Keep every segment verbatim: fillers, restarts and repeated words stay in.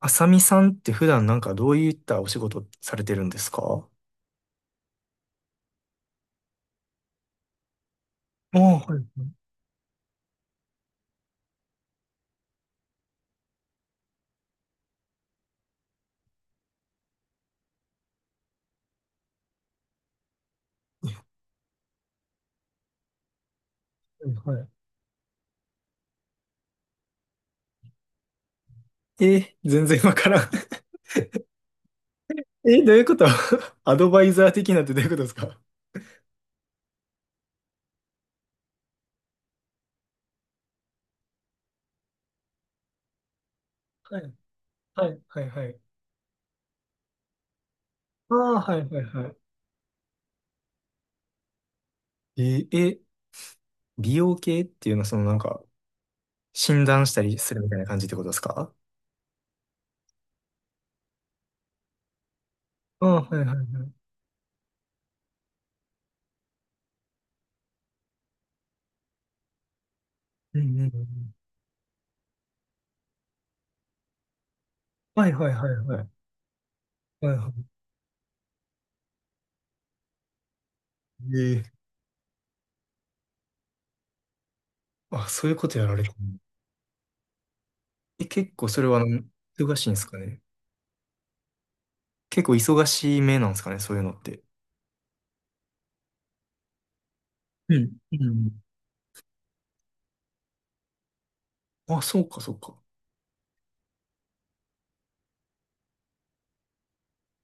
あさみさんって普段なんかどういったお仕事されてるんですか？ああ、はい、はい、はい。えー、全然わからん。え、どういうこと？ アドバイザー的なんてどういうことですか？はい、はい、はい、はい。ああ、はい、はい、はい。えー、え、美容系っていうのはそのなんか診断したりするみたいな感じってことですか？ああ、はい、はい、はい。うんうんうん。はい、はい、はい、はい。はい、はい。えー、あ、そういうことやられてる。え、結構それはあの忙しいんですかね？結構忙しい目なんですかね、そういうのって。うん。うん。あ、そうか、そうか。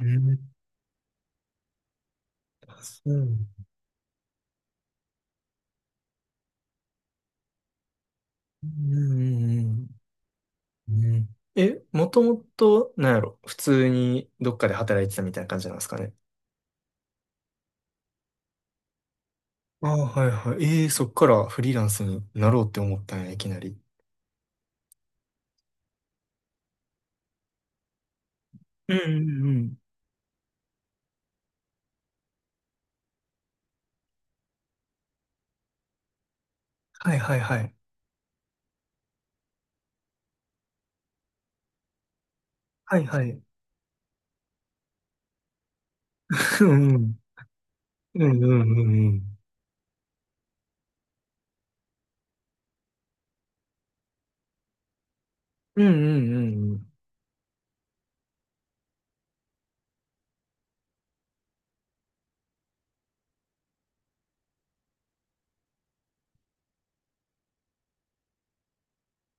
うん、あそう。うん、うん、うん。え、もともと、なんやろ、普通にどっかで働いてたみたいな感じなんですかね。ああ、はいはい。ええ、そっからフリーランスになろうって思ったんや、いきなり。うん、うん、うん。はいはいはい。はいはい。うんうん。うんうんうんうん。うんうんうんうん。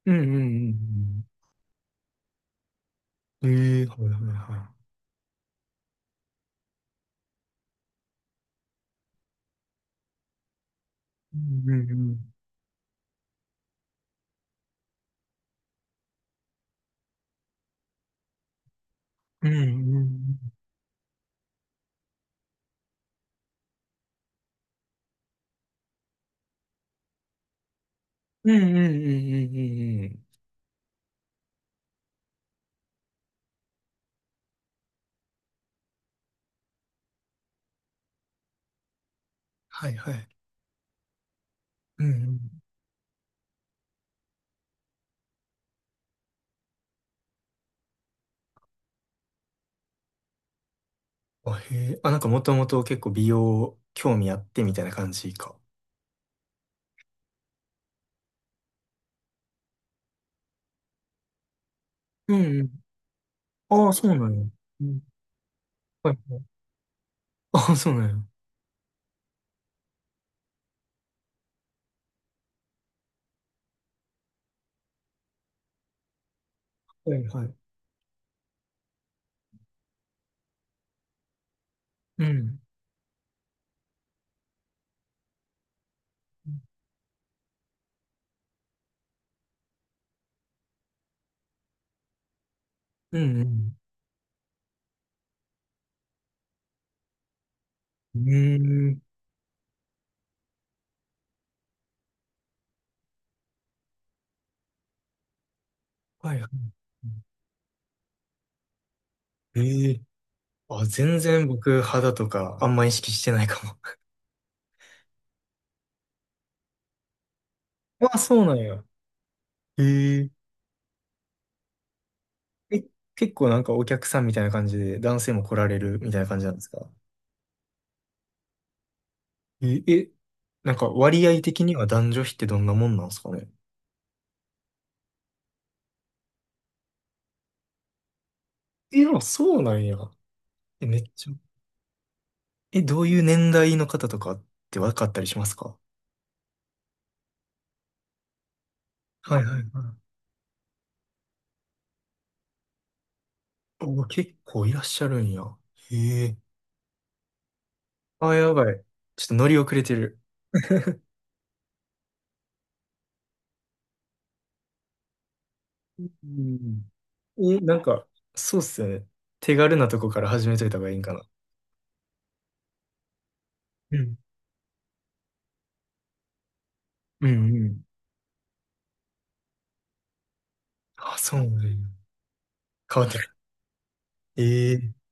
うんうんうんうん。ええ、はいはいはい。うん、うん、うん。うん、うんうん。うんうんうんうんうんうん、はいはい。うんうん。あ、へえ。あ、なんかもともと結構美容興味あってみたいな感じか。うん。うんうん。ああ、そうなんや。うん。はいはい。ああ、そうなんや。はいはい。うん。うんうん。うーん。はいはい。ええ。あ、全然僕肌とかあんま意識してないかも。ああ、そうなんや。へえ。え、結構なんかお客さんみたいな感じで男性も来られるみたいな感じなんですか？え、え、なんか割合的には男女比ってどんなもんなんですかね。え、あ、そうなんや。え、めっちゃ。え、どういう年代の方とかって分かったりしますか？はいはいはい。お、結構いらっしゃるんや。へえ。あ、やばい。ちょっと乗り遅れてる。うん、え、なんか、そうっすよね。手軽なとこから始めといた方がいいんかな。うん。うんうん。あ、そうなんや。変わってる。ええ。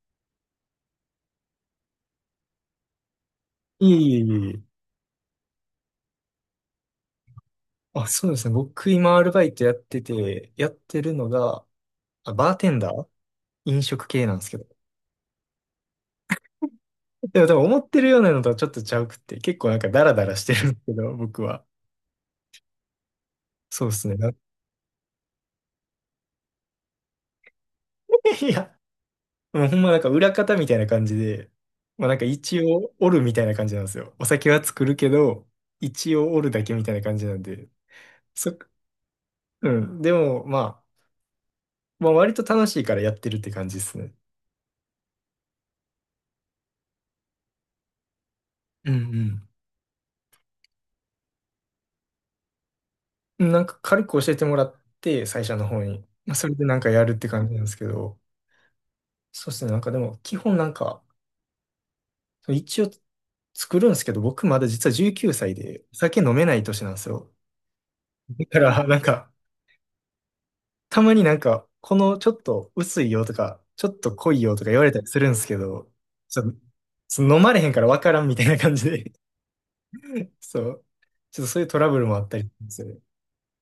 いえいえいえいえ。あ、そうですね。僕今アルバイトやってて、やってるのが、あ、バーテンダー、飲食系なんですけど。でも多分思ってるようなのとはちょっとちゃうくって、結構なんかダラダラしてるんですけど、僕は。そうですね。なん、 いや、もうほんまなんか裏方みたいな感じで、まあなんか一応おるみたいな感じなんですよ。お酒は作るけど、一応おるだけみたいな感じなんで。そ、うん。でもまあ、まあ割と楽しいからやってるって感じですね。うんうん。なんか軽く教えてもらって、最初の方に。まあそれでなんかやるって感じなんですけど、そうですね。なんかでも基本なんか、一応作るんですけど、僕まだ実はじゅうきゅうさいで酒飲めない年なんですよ。だから、なんか、たまになんか、このちょっと薄いよとか、ちょっと濃いよとか言われたりするんですけど、ちょっとその飲まれへんからわからんみたいな感じで。 そう。ちょっとそういうトラブルもあったりする。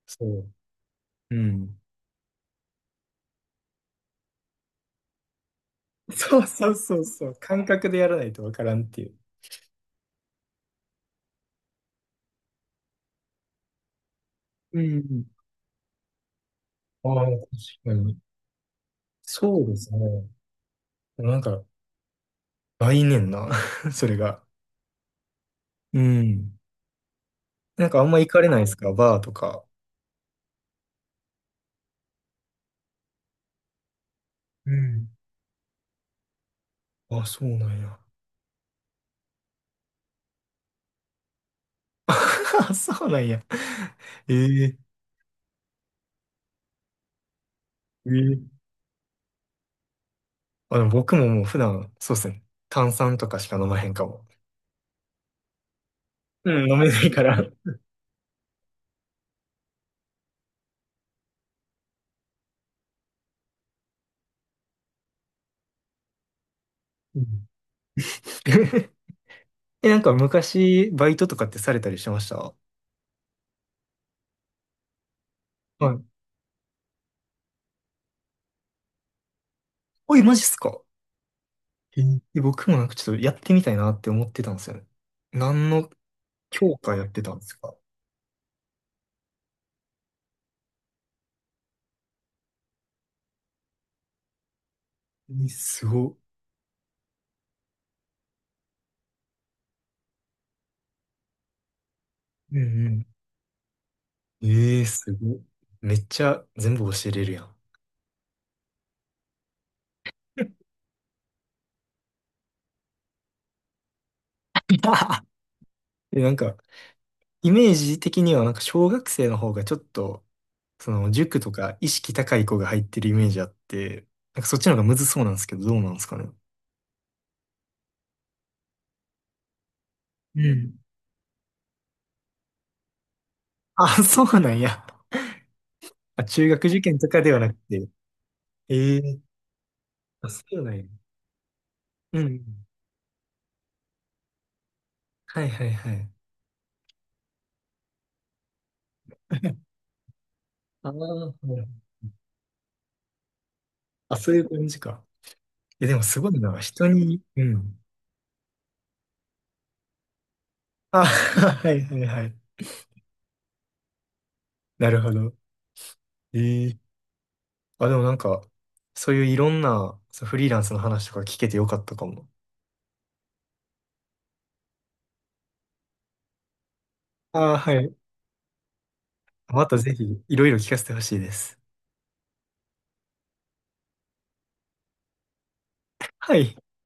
そう。うん。そうそうそうそう。感覚でやらないとわからんっていう。うん。ああ、確かに。そうですね。なんか、来年な、それが。うん。なんかあんま行かれないですかバーとか。うん。あ、そうなんや。そうなんや。ええ、ええ、あ、でも僕ももう普段、そうですね。炭酸とかしか飲まへんかも。うん、飲めないから。うん。 え、なんか昔、バイトとかってされたりしてました？はい。おい、マジっすか？ええ、僕もなんかちょっとやってみたいなって思ってたんですよね。何の教科やってたんですか？え、すごっ。うんうん。ええ、すごっ。めっちゃ全部教えれるやん。で、なんか、イメージ的には、なんか小学生の方がちょっと、その塾とか意識高い子が入ってるイメージあって、なんかそっちの方がむずそうなんですけど、どうなんですかね。うん。あ、そうなんや。あ、中学受験とかではなくて。ええ、あ、そうなんや。うん。はいはいはい。あー、あ、そういう感じか。え、でもすごいな。人に、うん。あ、はいはいはい。なるほど。ええ、あ、でもなんか、そういういろんなそうフリーランスの話とか聞けてよかったかも。ああ、はい。またぜひ、いろいろ聞かせてほしいです。はい。